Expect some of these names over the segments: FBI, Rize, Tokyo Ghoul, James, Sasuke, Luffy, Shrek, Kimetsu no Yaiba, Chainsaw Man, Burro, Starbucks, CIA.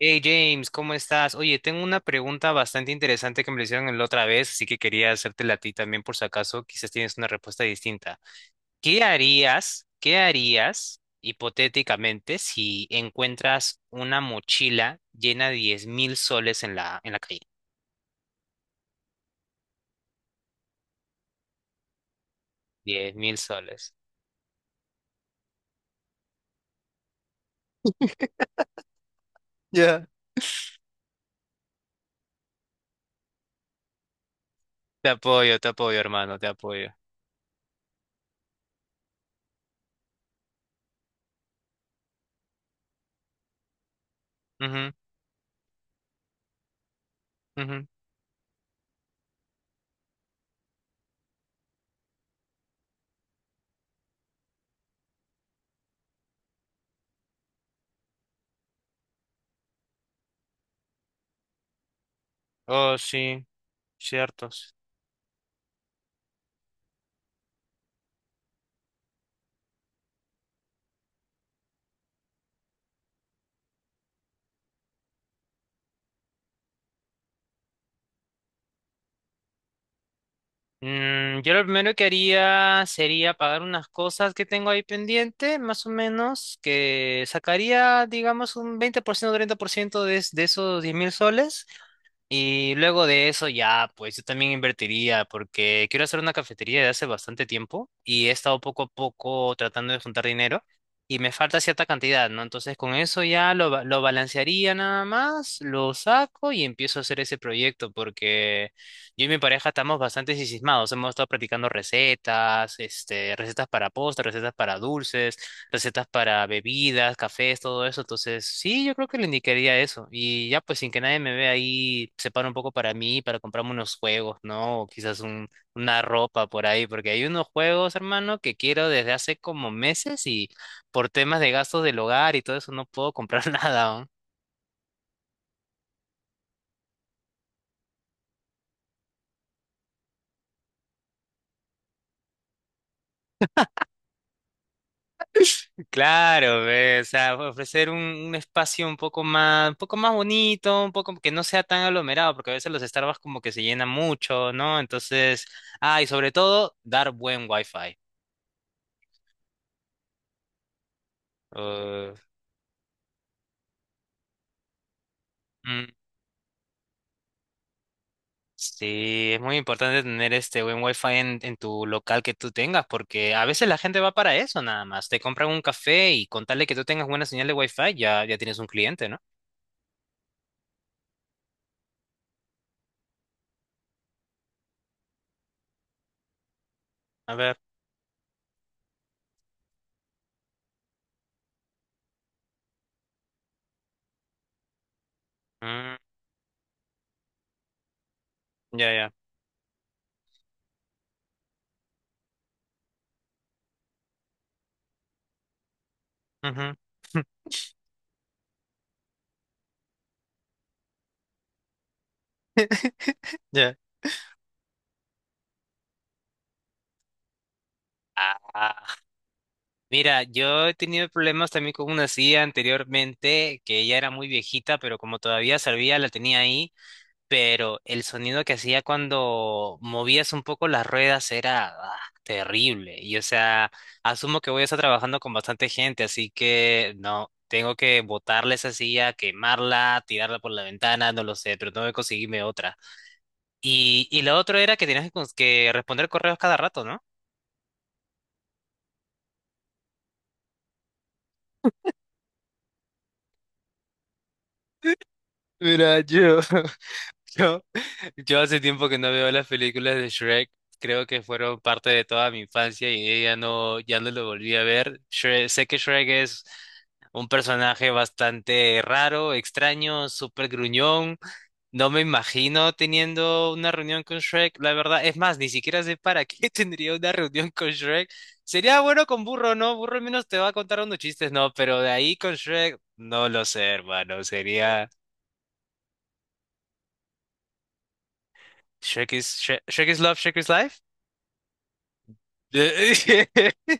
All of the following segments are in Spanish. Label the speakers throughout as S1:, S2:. S1: Hey James, ¿cómo estás? Oye, tengo una pregunta bastante interesante que me la hicieron la otra vez, así que quería hacértela a ti también por si acaso, quizás tienes una respuesta distinta. ¿Qué harías hipotéticamente si encuentras una mochila llena de 10 000 soles en la calle? 10 000 soles. Ya. Te apoyo, hermano, te apoyo. Ujú, ujú. Oh, sí, cierto. Yo lo primero que haría sería pagar unas cosas que tengo ahí pendiente, más o menos, que sacaría, digamos, un 20% o 30% de esos 10 mil soles. Y luego de eso ya, pues yo también invertiría porque quiero hacer una cafetería de hace bastante tiempo y he estado poco a poco tratando de juntar dinero y me falta cierta cantidad, ¿no? Entonces con eso ya lo balancearía nada más, lo saco y empiezo a hacer ese proyecto porque yo y mi pareja estamos bastante sismados, hemos estado practicando recetas, este, recetas para postres, recetas para dulces, recetas para bebidas, cafés, todo eso. Entonces, sí, yo creo que le indicaría eso. Y ya, pues sin que nadie me vea ahí, separo un poco para mí, para comprarme unos juegos, ¿no? Una ropa por ahí, porque hay unos juegos, hermano, que quiero desde hace como meses y por temas de gastos del hogar y todo eso no puedo comprar nada. Claro, ve, o sea, ofrecer un espacio un poco más bonito, un poco que no sea tan aglomerado, porque a veces los Starbucks como que se llenan mucho, ¿no? Entonces, ah, y sobre todo, dar buen wifi. Uh, mm, sí, es muy importante tener este buen Wi-Fi en tu local que tú tengas, porque a veces la gente va para eso nada más. Te compran un café y con tal de que tú tengas buena señal de Wi-Fi, ya, ya tienes un cliente, ¿no? A ver. mm, ya, ya. Ujú, ya. Mira, yo he tenido problemas también con una silla anteriormente, que ya era muy viejita, pero como todavía servía, la tenía ahí, pero el sonido que hacía cuando movías un poco las ruedas era terrible. Y o sea, asumo que voy a estar trabajando con bastante gente, así que no, tengo que botarle esa silla, quemarla, tirarla por la ventana, no lo sé, pero tengo que conseguirme otra. Y lo otro era que tenías que responder correos cada rato, ¿no? Mira, yo, yo Yo hace tiempo que no veo las películas de Shrek, creo que fueron parte de toda mi infancia y ya no, ya no lo volví a ver. Sé que Shrek es un personaje bastante raro, extraño, súper gruñón. No me imagino teniendo una reunión con Shrek, la verdad. Es más, ni siquiera sé para qué tendría una reunión con Shrek. Sería bueno con Burro, ¿no? Burro al menos te va a contar unos chistes, ¿no? Pero de ahí con Shrek, no lo sé, hermano. Sería... Shrek is Love, Shrek is Life. De-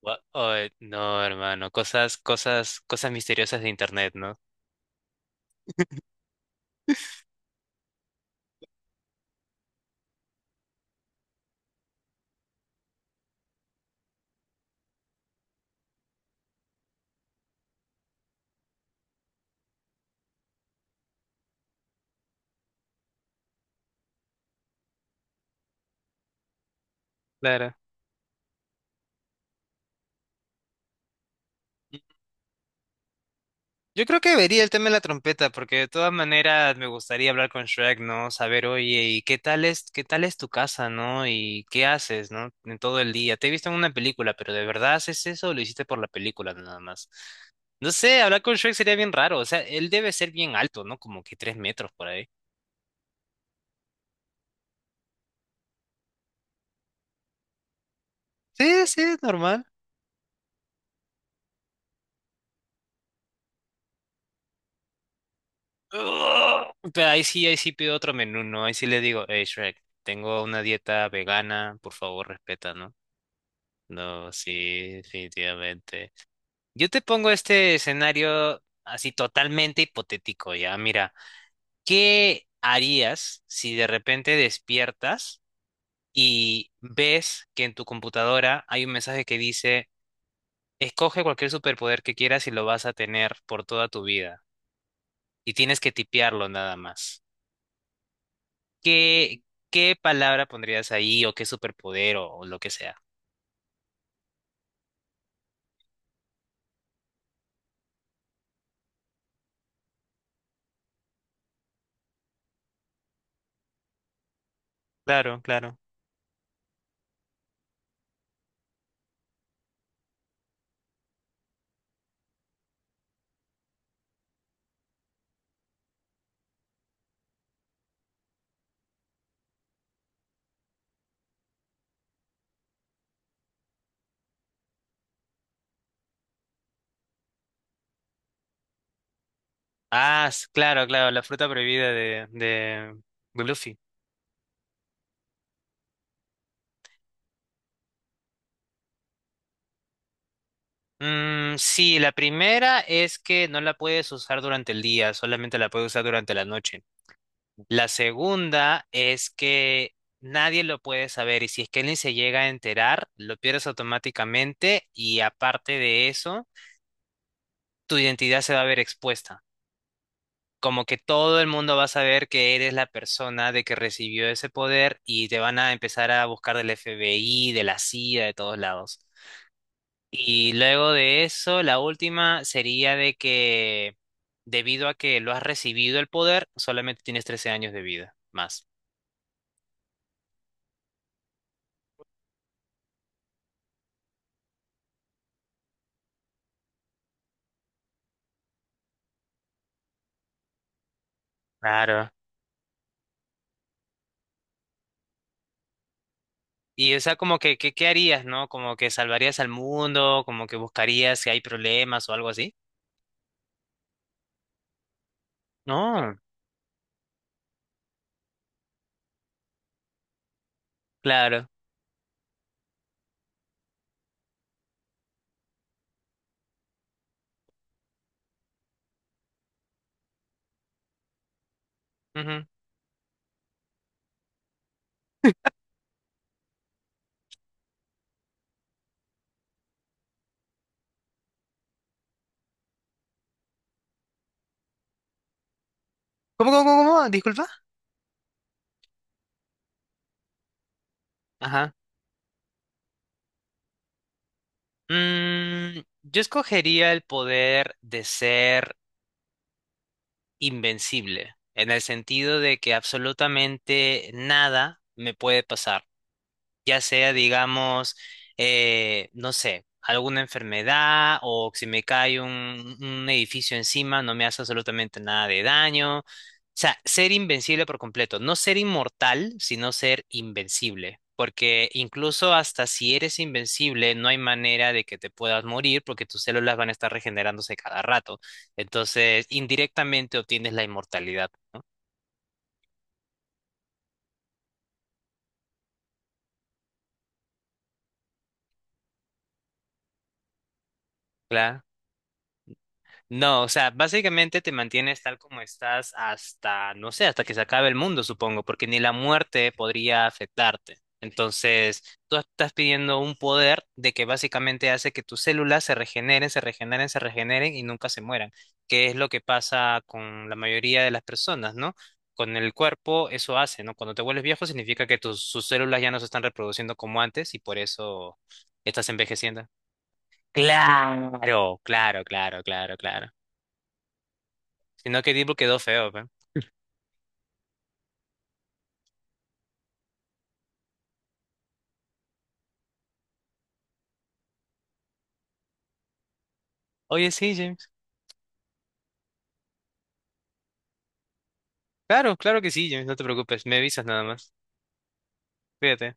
S1: Ay, no, hermano, cosas misteriosas de internet, ¿no? Claro. Yo creo que vería el tema de la trompeta, porque de todas maneras me gustaría hablar con Shrek, ¿no? Saber, oye, ¿qué tal es tu casa, ¿no? ¿Y qué haces, ¿no? En todo el día. Te he visto en una película, pero ¿de verdad haces eso o lo hiciste por la película nada más? No sé, hablar con Shrek sería bien raro. O sea, él debe ser bien alto, ¿no? Como que 3 metros por ahí. Sí, sí, normal. Pero ahí sí pido otro menú, ¿no? Ahí sí le digo, hey Shrek, tengo una dieta vegana, por favor respeta, ¿no? No, sí, definitivamente. Yo te pongo este escenario así totalmente hipotético, ya. Mira, ¿qué harías si de repente despiertas y ves que en tu computadora hay un mensaje que dice, escoge cualquier superpoder que quieras y lo vas a tener por toda tu vida? Y tienes que tipearlo nada más. ¿Qué, ¿Qué palabra pondrías ahí o qué superpoder o lo que sea? Claro, claro. Claro, claro, la fruta prohibida de Luffy. Mm, sí, la primera es que no la puedes usar durante el día, solamente la puedes usar durante la noche. La segunda es que nadie lo puede saber y si es que alguien se llega a enterar, lo pierdes automáticamente y aparte de eso, tu identidad se va a ver expuesta. Como que todo el mundo va a saber que eres la persona de que recibió ese poder y te van a empezar a buscar del FBI, de la CIA, de todos lados. Y luego de eso, la última sería de que debido a que lo has recibido el poder, solamente tienes 13 años de vida más. Claro. Y o sea, como que ¿qué harías, no? Como que salvarías al mundo, como que buscarías si hay problemas o algo así. No, claro. Ujú. ¿Cómo? Disculpa. Ajá. Yo escogería el poder de ser invencible, en el sentido de que absolutamente nada me puede pasar ya sea, digamos, no sé, alguna enfermedad o si me cae un edificio encima, no me hace absolutamente nada de daño. O sea, ser invencible por completo, no ser inmortal, sino ser invencible. Porque incluso hasta si eres invencible, no hay manera de que te puedas morir porque tus células van a estar regenerándose cada rato. Entonces, indirectamente obtienes la inmortalidad, ¿no? No, o sea, básicamente te mantienes tal como estás hasta, no sé, hasta que se acabe el mundo, supongo, porque ni la muerte podría afectarte. Entonces, tú estás pidiendo un poder de que básicamente hace que tus células se regeneren y nunca se mueran, que es lo que pasa con la mayoría de las personas, ¿no? Con el cuerpo eso hace, ¿no? Cuando te vuelves viejo significa que sus células ya no se están reproduciendo como antes y por eso estás envejeciendo. Claro, claro, claro, claro, claro. Si no, que tipo quedó feo, pe. Oye, sí, James. Claro, claro que sí, James, no te preocupes. Me avisas nada más. Cuídate.